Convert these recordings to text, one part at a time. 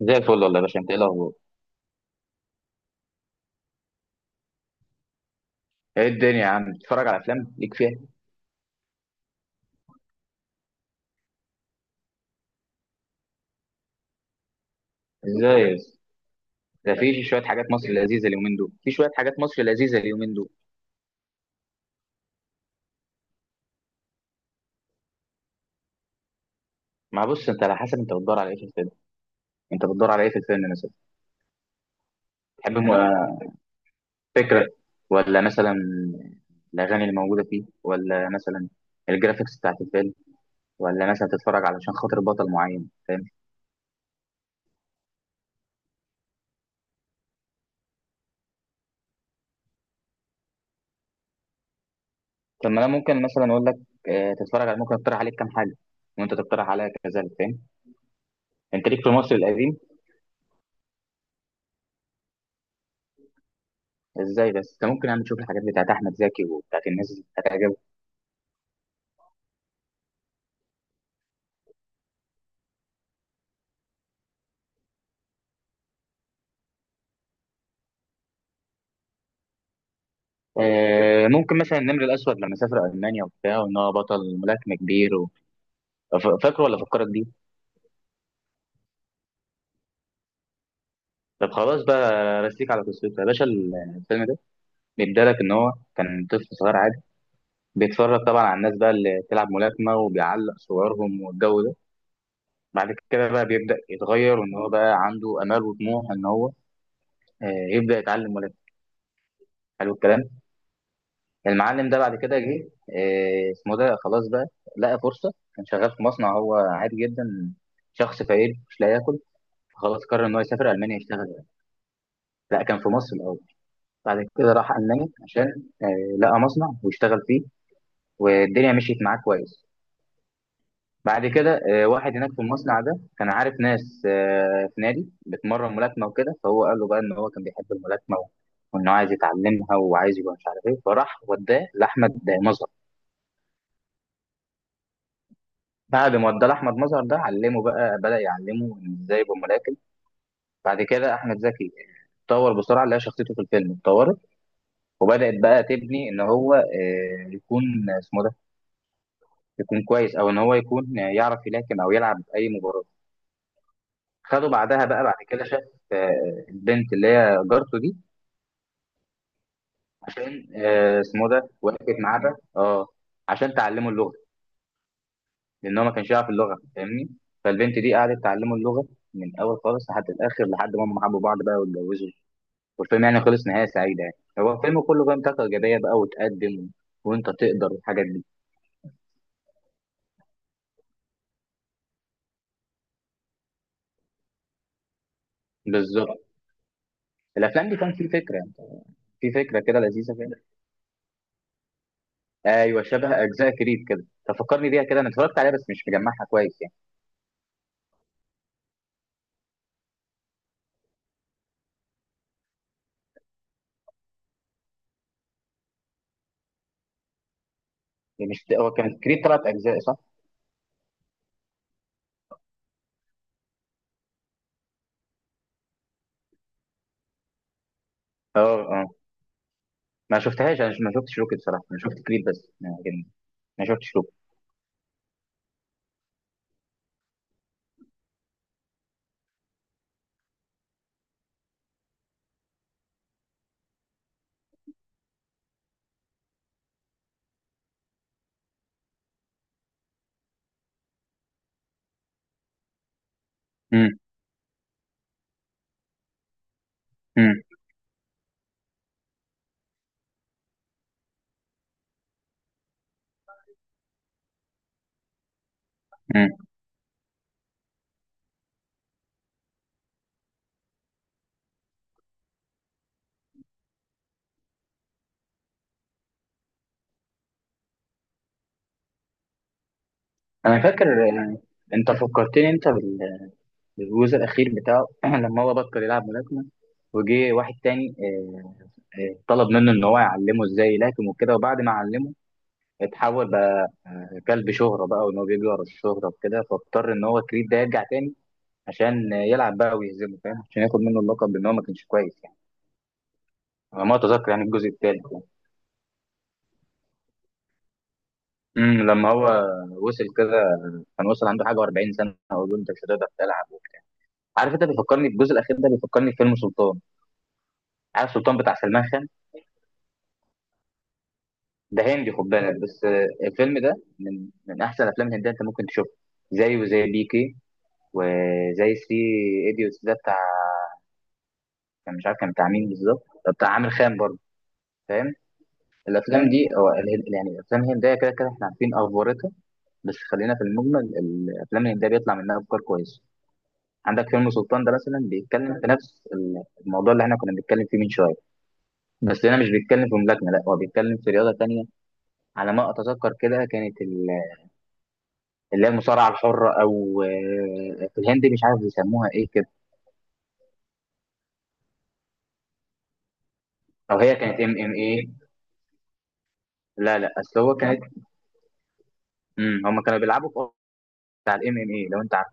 زي الفل والله يا باشا، انت ايه الاخبار؟ ايه الدنيا يا عم، بتتفرج على افلام ليك فيها؟ ازاي يا اسطى؟ ده في شويه حاجات مصر لذيذه اليومين دول في شويه حاجات مصر لذيذه اليومين دول. ما بص، انت على حسب انت بتدور على ايه في الفيلم، انت بتدور على ايه في الفيلم مثلا. تحب فكره، ولا مثلا الاغاني اللي موجوده فيه، ولا مثلا الجرافيكس بتاعت الفيلم، ولا مثلا تتفرج علشان خاطر بطل معين، فاهم؟ طب ما انا ممكن مثلا اقول لك، اه، تتفرج على ممكن اقترح عليك كام حاجه وانت تقترح عليا كذلك، فاهم؟ انت ليك في مصر القديم؟ ازاي بس، انت ممكن يعني تشوف الحاجات بتاعت احمد زكي وبتاعت الناس اللي هتعجبك. ممكن مثلا النمر الاسود، لما سافر المانيا وبتاع وان هو بطل ملاكمه كبير و... فاكره ولا فكرك بيه؟ طب خلاص بقى، رسيك على قصته يا باشا الفيلم ده. بيدالك ان هو كان طفل صغير عادي، بيتفرج طبعا على الناس بقى اللي بتلعب ملاكمه، وبيعلق صورهم والجو ده. بعد كده بقى بيبدا يتغير، وان هو بقى عنده امال وطموح، ان هو آه، يبدا يتعلم ملاكمه. حلو الكلام. المعلم ده بعد كده جه، اسمه ده خلاص بقى، لقى فرصة. كان شغال في مصنع، هو عادي جدا، شخص فقير مش لاقي ياكل. خلاص قرر ان هو يسافر المانيا يشتغل. لا، كان في مصر الاول. بعد كده راح المانيا، عشان لقى مصنع واشتغل فيه. والدنيا مشيت معاه كويس. بعد كده واحد هناك في المصنع ده كان عارف ناس في نادي بتمرن ملاكمة وكده، فهو قال له بقى ان هو كان بيحب الملاكمة، وانه عايز يتعلمها وعايز يبقى مش عارف ايه، فراح وداه لاحمد مظهر. بعد ما ادى احمد مظهر ده علمه بقى، بدا يعلمه إن ازاي يبقى ملاكم. بعد كده احمد زكي اتطور بسرعه، لقى شخصيته في الفيلم اتطورت، وبدات بقى تبني ان هو يكون اسمه ده، يكون كويس، او ان هو يكون يعرف يلاكم او يلعب اي مباراه. خده بعدها بقى. بعد كده شاف البنت اللي هي جارته دي، عشان اسمه ده، وقفت معاه بقى. اه، عشان تعلمه اللغه، لان هو ما كانش يعرف اللغه، فاهمني؟ فالبنت دي قعدت تعلمه اللغه من الاول خالص لحد الاخر، لحد ما هم حبوا بعض بقى واتجوزوا. والفيلم يعني خلص نهايه سعيده، يعني هو الفيلم كله بقى طاقه ايجابيه بقى وتقدم، وانت تقدر، والحاجات دي بالظبط. الافلام دي كان في فكره يعني، في فكره كده لذيذه كده. ايوه، شبه اجزاء كريد كده، تفكرني بيها كده. انا اتفرجت عليها بس مش مجمعها كويس يعني. يعني مش هو كان كريد ثلاث اجزاء، صح؟ اه اه. ما شفتهاش، انا ما شفتش روكي بصراحه، انا شفت كريد بس، لكن ما شفتش روكي. امم. امم. امم. انا فاكر يعني، انت فكرتني انت بالجزء الاخير بتاعه لما هو بطل يلعب ملاكمه، وجه واحد تاني طلب منه ان هو يعلمه ازاي يلاكم وكده، وبعد ما علمه اتحول بقى كلب شهرة بقى، وان هو بيجري ورا الشهرة وكده، فاضطر ان هو كريد ده يرجع تاني عشان يلعب بقى ويهزمه، فاهم؟ عشان ياخد منه اللقب، بان هو ما كانش كويس يعني، على ما اتذكر يعني الجزء الثالث يعني. امم، لما هو وصل كده، كان وصل عنده حاجه و40 سنه، اقول له انت مش هتقدر تلعب. عارف، انت بيفكرني الجزء الاخير ده بيفكرني بفيلم سلطان. عارف سلطان بتاع سلمان خان؟ ده هندي، خد بالك، بس الفيلم ده من احسن الافلام الهنديه انت ممكن تشوفها، زيه زي بيكي، وزي 3 ايديوتس ده بتاع. كان مش عارف كان بتاع مين بالظبط، ده بتاع عامر خان برضه، فاهم؟ الافلام دي، أو يعني الافلام الهنديه كده كده احنا عارفين افورتها، بس خلينا في المجمل، الافلام الهنديه بيطلع منها افكار كويسه. عندك فيلم سلطان ده مثلا بيتكلم في نفس الموضوع اللي احنا كنا بنتكلم فيه من شويه، بس هنا مش بيتكلم في ملاكمه، لا هو بيتكلم في رياضه تانية، على ما اتذكر كده. كانت اللي هي المصارعه الحره، او في الهند مش عارف بيسموها ايه كده، او هي كانت ام ام ايه. لا لا، اصل هو كانت، امم، هم كانوا بيلعبوا في بتاع الام ام اي، لو انت عارف،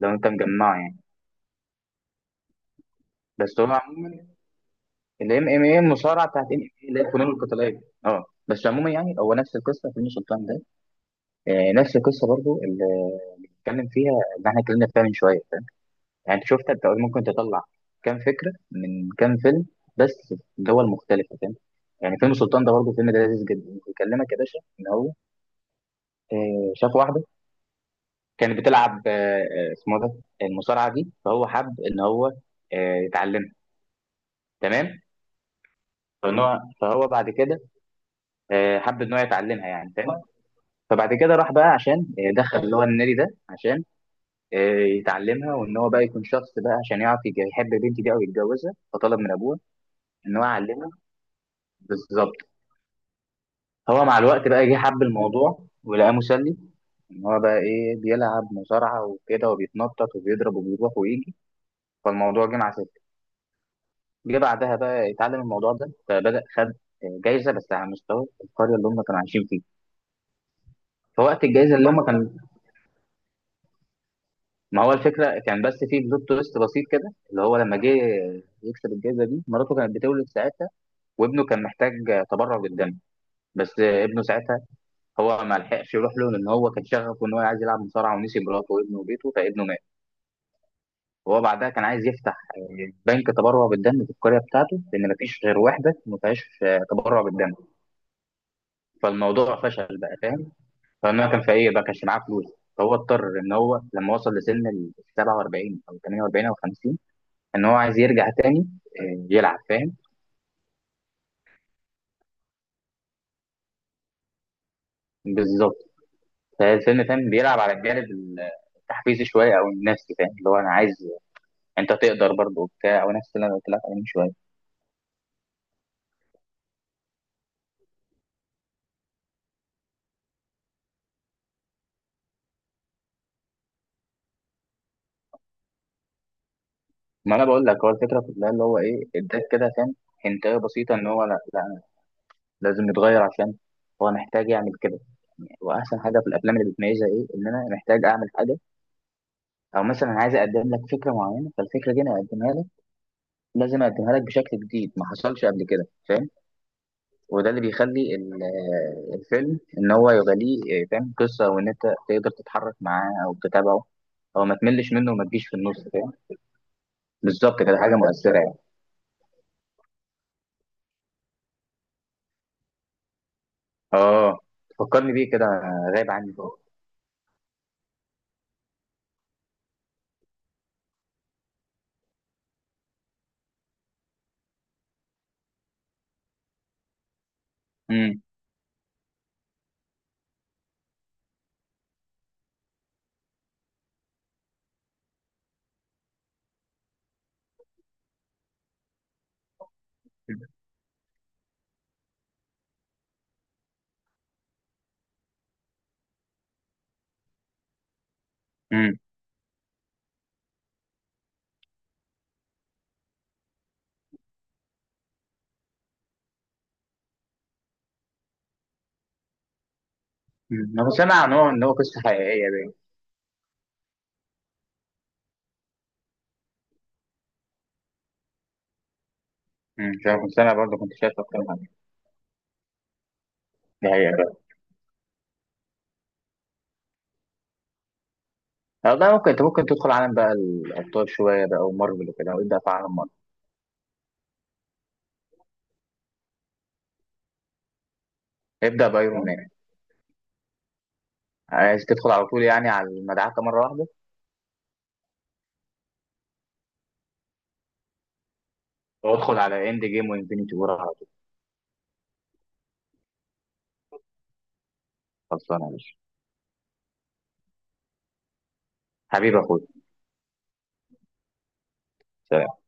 لو انت مجمعه يعني. بس هو عموما الام ام اي المصارعه بتاعت ام ام اي، اللي هي الفنون القتاليه، اه بس عموما يعني هو نفس القصه في الشيطان ده. آه، نفس القصه برضو، اللي اللي بنتكلم فيها، اللي احنا اتكلمنا فيها من شويه. يعني انت شفت، انت ممكن تطلع كام فكره من كام فيلم، بس في دول مختلفه، فاهم؟ يعني فيلم سلطان ده برضه فيلم ده لذيذ جدا، بيكلمك يا باشا ان هو شاف واحده كانت بتلعب اسمه ده المصارعه دي، فهو حب ان هو يتعلمها، تمام؟ فان هو فهو بعد كده حب ان هو يتعلمها يعني، تمام. فبعد كده راح بقى، عشان دخل اللي هو النادي ده، عشان آه، يتعلمها، وان هو بقى يكون شخص بقى عشان يعرف يحب البنت دي او يتجوزها، فطلب من ابوه ان هو يعلمها. بالظبط. هو مع الوقت بقى جه حب الموضوع، ولقاه مسلي، ان هو بقى ايه، بيلعب مصارعه وكده، وبيتنطط وبيضرب وبيروح ويجي. فالموضوع جه مع، جه بعدها بقى اتعلم الموضوع ده، فبدأ خد جايزة، بس على مستوى القرية اللي هم كانوا عايشين فيها. فوقت الجايزة اللي هم كان، ما هو الفكرة كان بس في بلوت تويست بسيط كده، اللي هو لما جه يكسب الجايزة دي، مراته كانت بتولد ساعتها، وابنه كان محتاج تبرع بالدم، بس ابنه ساعتها هو ما لحقش يروح له، لأن هو كان شغفه إن هو عايز يلعب مصارعة، ونسي مراته وابنه وبيته، فابنه مات. وهو بعدها كان عايز يفتح بنك تبرع بالدم في القرية بتاعته، لأن ما فيش غير واحدة ما فيهاش تبرع بالدم، فالموضوع فشل بقى، فاهم؟ فانا كان في ايه بقى، كانش معاه فلوس. فهو اضطر ان هو لما وصل لسن ال 47 او 48 او 50، ان هو عايز يرجع تاني يلعب، فاهم؟ بالظبط. فالفيلم، فاهم، بيلعب على الجانب التحفيزي شويه، او النفسي، فاهم؟ اللي هو انا عايز انت تقدر برضه وبتاع، او نفس اللي انا قلت لك عليه من شويه. ما انا بقول لك، هو الفكره كلها اللي هو ايه، اداك كده فاهم حنتايه بسيطه، ان هو لا لا، لازم يتغير، عشان هو محتاج يعمل كده. واحسن حاجه في الافلام اللي بتميزها ايه، ان انا محتاج اعمل حاجه، او مثلا عايز اقدم لك فكره معينه، فالفكره دي انا اقدمها لك، لازم اقدمها لك بشكل جديد ما حصلش قبل كده، فاهم؟ وده اللي بيخلي الفيلم ان هو يغليه، فاهم، قصه وان انت تقدر تتحرك معاه او تتابعه، او ما تملش منه وما تجيش في النص، فاهم؟ بالظبط كده، حاجه مؤثره يعني. اه، فكرني بيه كده، غايب عني. امم. امم. انا كنت سامع ان هو قصه حقيقيه باين. مش عارف، كنت سامع برضه، كنت شايف اكتر من، دي حقيقة. والله ممكن، انت ممكن تدخل عالم بقى الابطال شويه بقى ومارفل وكده، وابدا في عالم مارفل. ابدا بايرون مان. عايز تدخل على طول يعني، على المدعكه مره واحده، وادخل على اند جيم وانفينيتي وور على طول. خلصانه يا باشا، حبيبي يا اخويا. سلام.